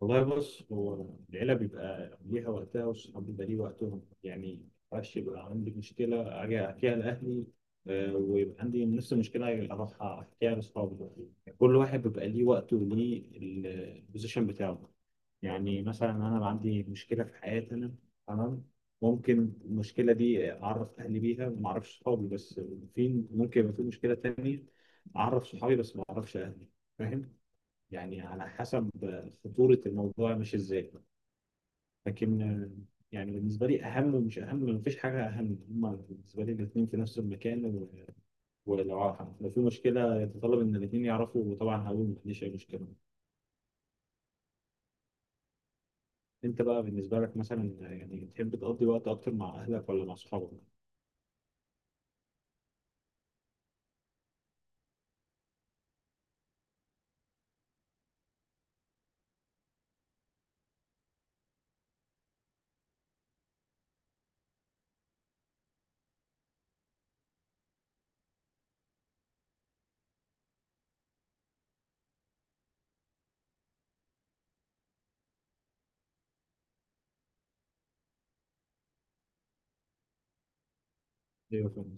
والله بص هو العيلة بيبقى ليها وقتها والصحاب بيبقى ليه وقتهم، يعني معرفش، يبقى عندي مشكلة أجي أحكيها لأهلي ويبقى عندي نفس المشكلة أجي أروح أحكيها لأصحابي. يعني كل واحد بيبقى ليه وقته وليه البوزيشن بتاعه. يعني مثلا أنا بقى عندي مشكلة في حياتي أنا، تمام، ممكن المشكلة دي أعرف أهلي بيها وما أعرفش صحابي بس، في ممكن يبقى في مشكلة تانية أعرف صحابي بس ما أعرفش أهلي، فاهم؟ يعني على حسب خطورة الموضوع، مش ازاي، لكن يعني بالنسبة لي أهم ومش أهم مفيش حاجة أهم، هما بالنسبة لي الاتنين في نفس المكان، لو في مشكلة يتطلب إن الاتنين يعرفوا، وطبعا هقول مفيش أي مشكلة. أنت بقى بالنسبة لك مثلا يعني تحب تقضي وقت أكتر مع أهلك ولا مع أصحابك؟ أيوه، فاهم.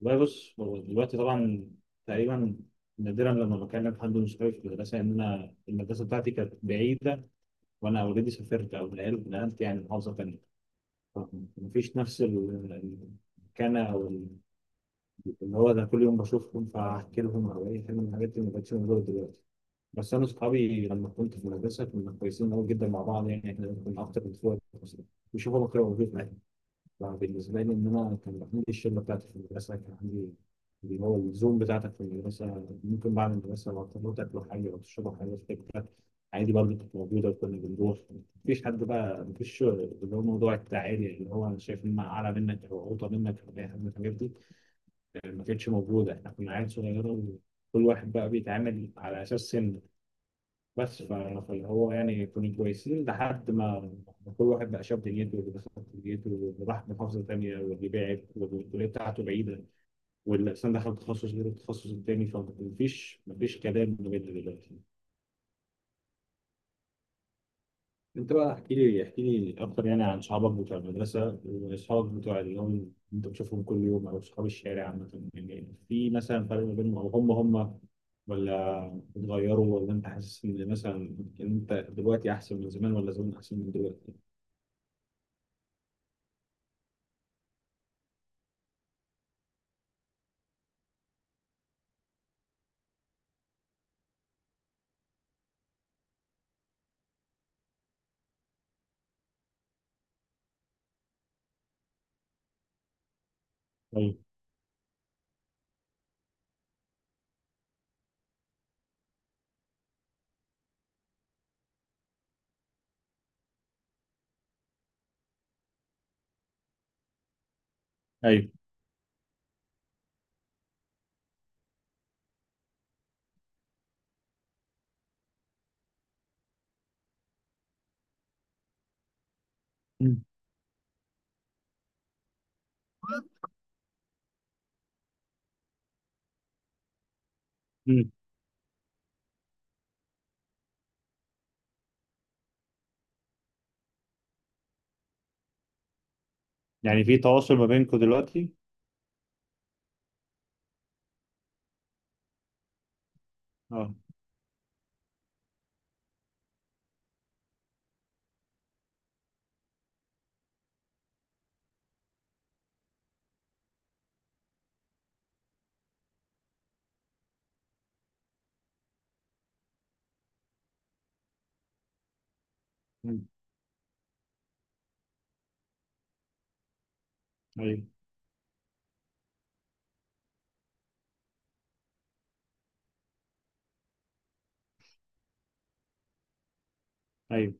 والله بص هو دلوقتي طبعا تقريبا نادرا لما بكلم حد من صحابي في المدرسة، إن أنا المدرسة بتاعتي كانت بعيدة، وأنا أوريدي سافرت أو نقلت، يعني محافظة تانية. مفيش نفس المكانة أو اللي هو ده كل يوم بشوفهم فأحكي لهم أو أي حاجة من الحاجات اللي ما كانتش موجودة دلوقتي. بس أنا أصحابي لما كنت في المدرسة كنا كويسين أوي جدا مع بعض، يعني إحنا كنا أكتر من إخوات أصلا، بيشوفوا بكرة موجود معايا. لا، بالنسبة لي إن أنا كان عندي الشلة بتاعتي في المدرسة، كان عندي اللي هو الزوم بتاعتك في المدرسة، ممكن بعد المدرسة لو تروحوا تاكلوا حاجة أو تشربوا حاجة في حتة، عادي، برضه كانت موجودة وكنا بنروح. مفيش حد بقى، مفيش اللي هو موضوع التعالي، اللي هو أنا شايف إن أنا أعلى منك أو أوطى منك أو أي حاجة من الحاجات دي، ما كانتش موجودة، إحنا كنا عيال صغيرة وكل واحد بقى بيتعامل على أساس سن. بس فاللي هو يعني كنا كويسين لحد ما كل واحد بقى شاف دنيته، واللي دخل كليته واللي راح محافظه تانيه، واللي بعد والكليه بتاعته بعيده، واللي اصلا دخل تخصص غير التخصص التاني، فمفيش مفيش كلام بجد دلوقتي. انت بقى احكي لي احكي لي اكتر، يعني عن صحابك بتوع المدرسه واصحابك بتوع اليوم اللي انت بتشوفهم كل يوم او صحاب الشارع عامه، يعني في مثلا فرق ما بينهم، او هم ولا اتغيروا، ولا انت حاسس ان مثلا انت دلوقتي احسن من زمان ولا زمان احسن من دلوقتي؟ ايوه ايوه. مم. مم. يعني في تواصل ما بينكم دلوقتي؟ اه. مم. ايوه ايوه.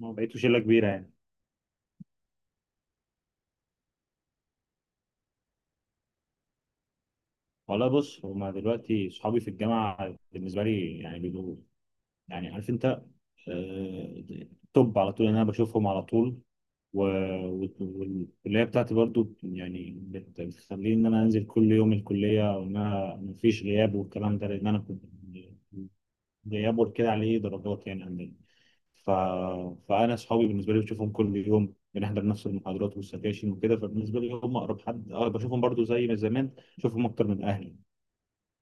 ما بقيتوا شله كبيره يعني؟ والله بص هما دلوقتي صحابي في الجامعه بالنسبه لي، يعني بيبقوا، يعني عارف انت، آه، توب على طول إن انا بشوفهم على طول، و- والكليه بتاعتي برضو يعني بتخليني ان انا انزل كل يوم الكليه وان انا مفيش غياب، والكلام ده لان انا كنت غياب كده عليه درجات يعني عندنا. ف... فانا اصحابي بالنسبه لي بشوفهم كل يوم، بنحضر نفس المحاضرات والسكاشن وكده، فبالنسبه لي هم اقرب حد، اه بشوفهم برضو زي ما زمان، بشوفهم اكتر من اهلي.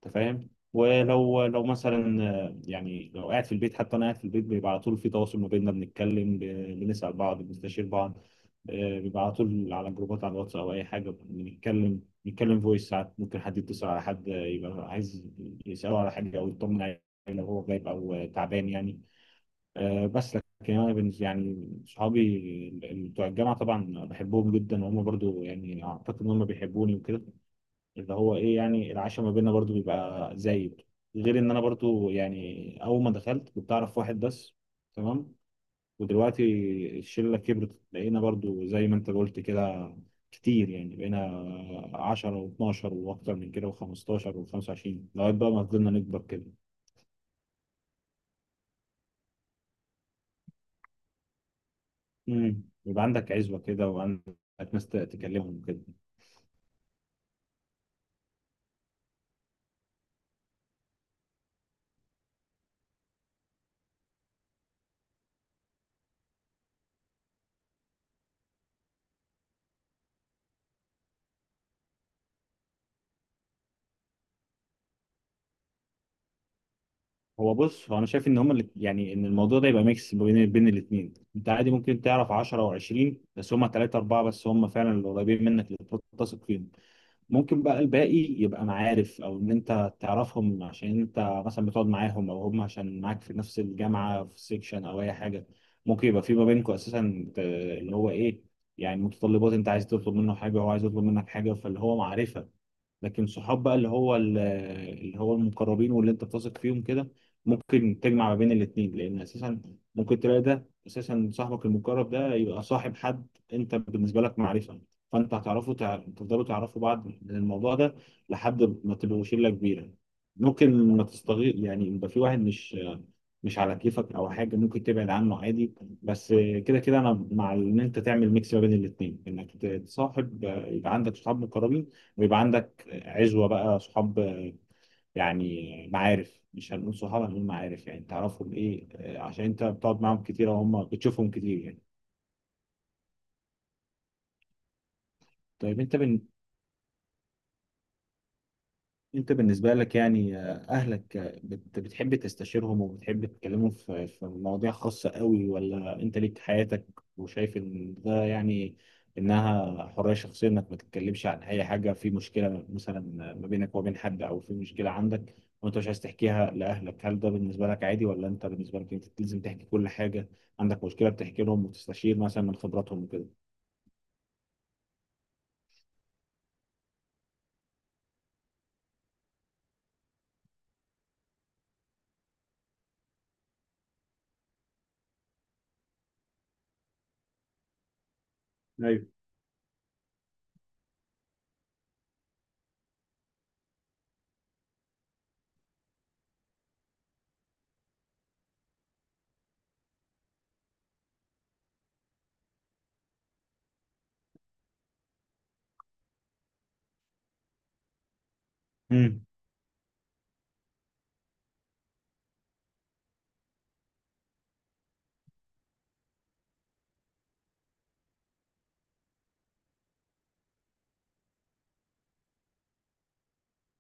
انت فاهم؟ ولو لو مثلا يعني لو قاعد في البيت، حتى انا قاعد في البيت بيبقى على طول في تواصل ما بيننا، بنتكلم، بنسال بعض، بنستشير بعض. بيبقى على طول على جروبات، على الواتس او اي حاجه بنتكلم، نتكلم فويس ساعات، ممكن حد يتصل على حد، يبقى عايز يساله على حاجه او يطمن عليه لو هو غايب او تعبان يعني. بس لكن انا بالنسبه يعني صحابي بتوع الجامعه، طبعا بحبهم جدا وهم برضو يعني اعتقد ان هم بيحبوني وكده، اللي هو ايه يعني العشاء ما بيننا برضو بيبقى زايد، غير ان انا برضو يعني اول ما دخلت كنت اعرف واحد بس، تمام. ودلوقتي الشله كبرت، بقينا برضو زي ما انت قلت كده كتير يعني، بقينا 10 و12 واكتر من كده و15 و25 لغايه بقى ما فضلنا نكبر كده. يبقى عندك عزوه كده، وعندك ناس تكلمهم كده. هو بص هو انا شايف ان هما اللي يعني ان الموضوع ده يبقى ميكس بين الاثنين، انت عادي ممكن تعرف 10 او 20، بس هما 3 4 بس، هما فعلا اللي قريبين منك اللي تقدر تثق فيهم. ممكن بقى الباقي يبقى معارف، او ان انت تعرفهم عشان انت مثلا بتقعد معاهم، او هم عشان معاك في نفس الجامعه في سيكشن او اي حاجه، ممكن يبقى في ما بينكم اساسا، اللي هو ايه يعني متطلبات، انت عايز تطلب منه حاجه وهو عايز يطلب منك حاجه، فاللي هو معرفه. لكن صحاب بقى اللي هو اللي هو المقربين، واللي انت بتثق فيهم كده، ممكن تجمع ما بين الاتنين، لان اساسا ممكن تلاقي ده اساسا صاحبك المقرب ده يبقى صاحب حد، انت بالنسبه لك معرفه، فانت هتعرفوا، تفضلوا تعرفوا بعض من الموضوع ده لحد ما تبقوا شله كبيره. ممكن ما تستغل يعني، يبقى في واحد مش على كيفك او حاجه، ممكن تبعد عنه عادي. بس كده كده انا مع ان انت تعمل ميكس ما بين الاثنين انك تصاحب، يبقى عندك صحاب مقربين، ويبقى عندك عزوة بقى صحاب، يعني معارف، مش هنقول صحاب، هنقول معارف، يعني تعرفهم ايه، عشان انت بتقعد معاهم كتير وهم بتشوفهم كتير يعني. طيب انت انت بالنسبة لك يعني اهلك بتحب تستشيرهم وبتحب تتكلموا في مواضيع خاصة قوي، ولا انت ليك حياتك وشايف ان ده يعني انها حرية شخصية، انك ما تتكلمش عن اي حاجة، في مشكلة مثلا ما بينك وبين حد، او في مشكلة عندك وانت مش عايز تحكيها لاهلك، هل ده بالنسبة لك عادي، ولا انت بالنسبة لك انت لازم تحكي كل حاجة، عندك مشكلة بتحكي لهم وتستشير مثلا من خبراتهم وكده؟ ايوه. امم.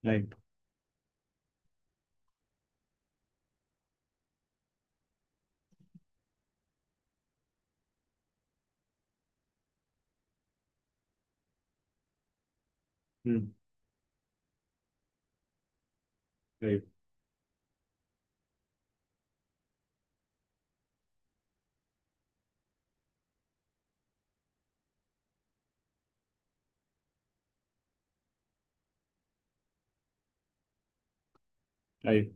ايوه. امم. ايوه ايوه.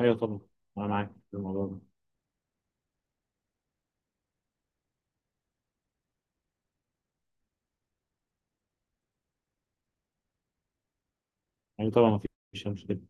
ايوه، طبعا. انا معاك في الموضوع ده. يعني طبعا ما فيش مشكلة.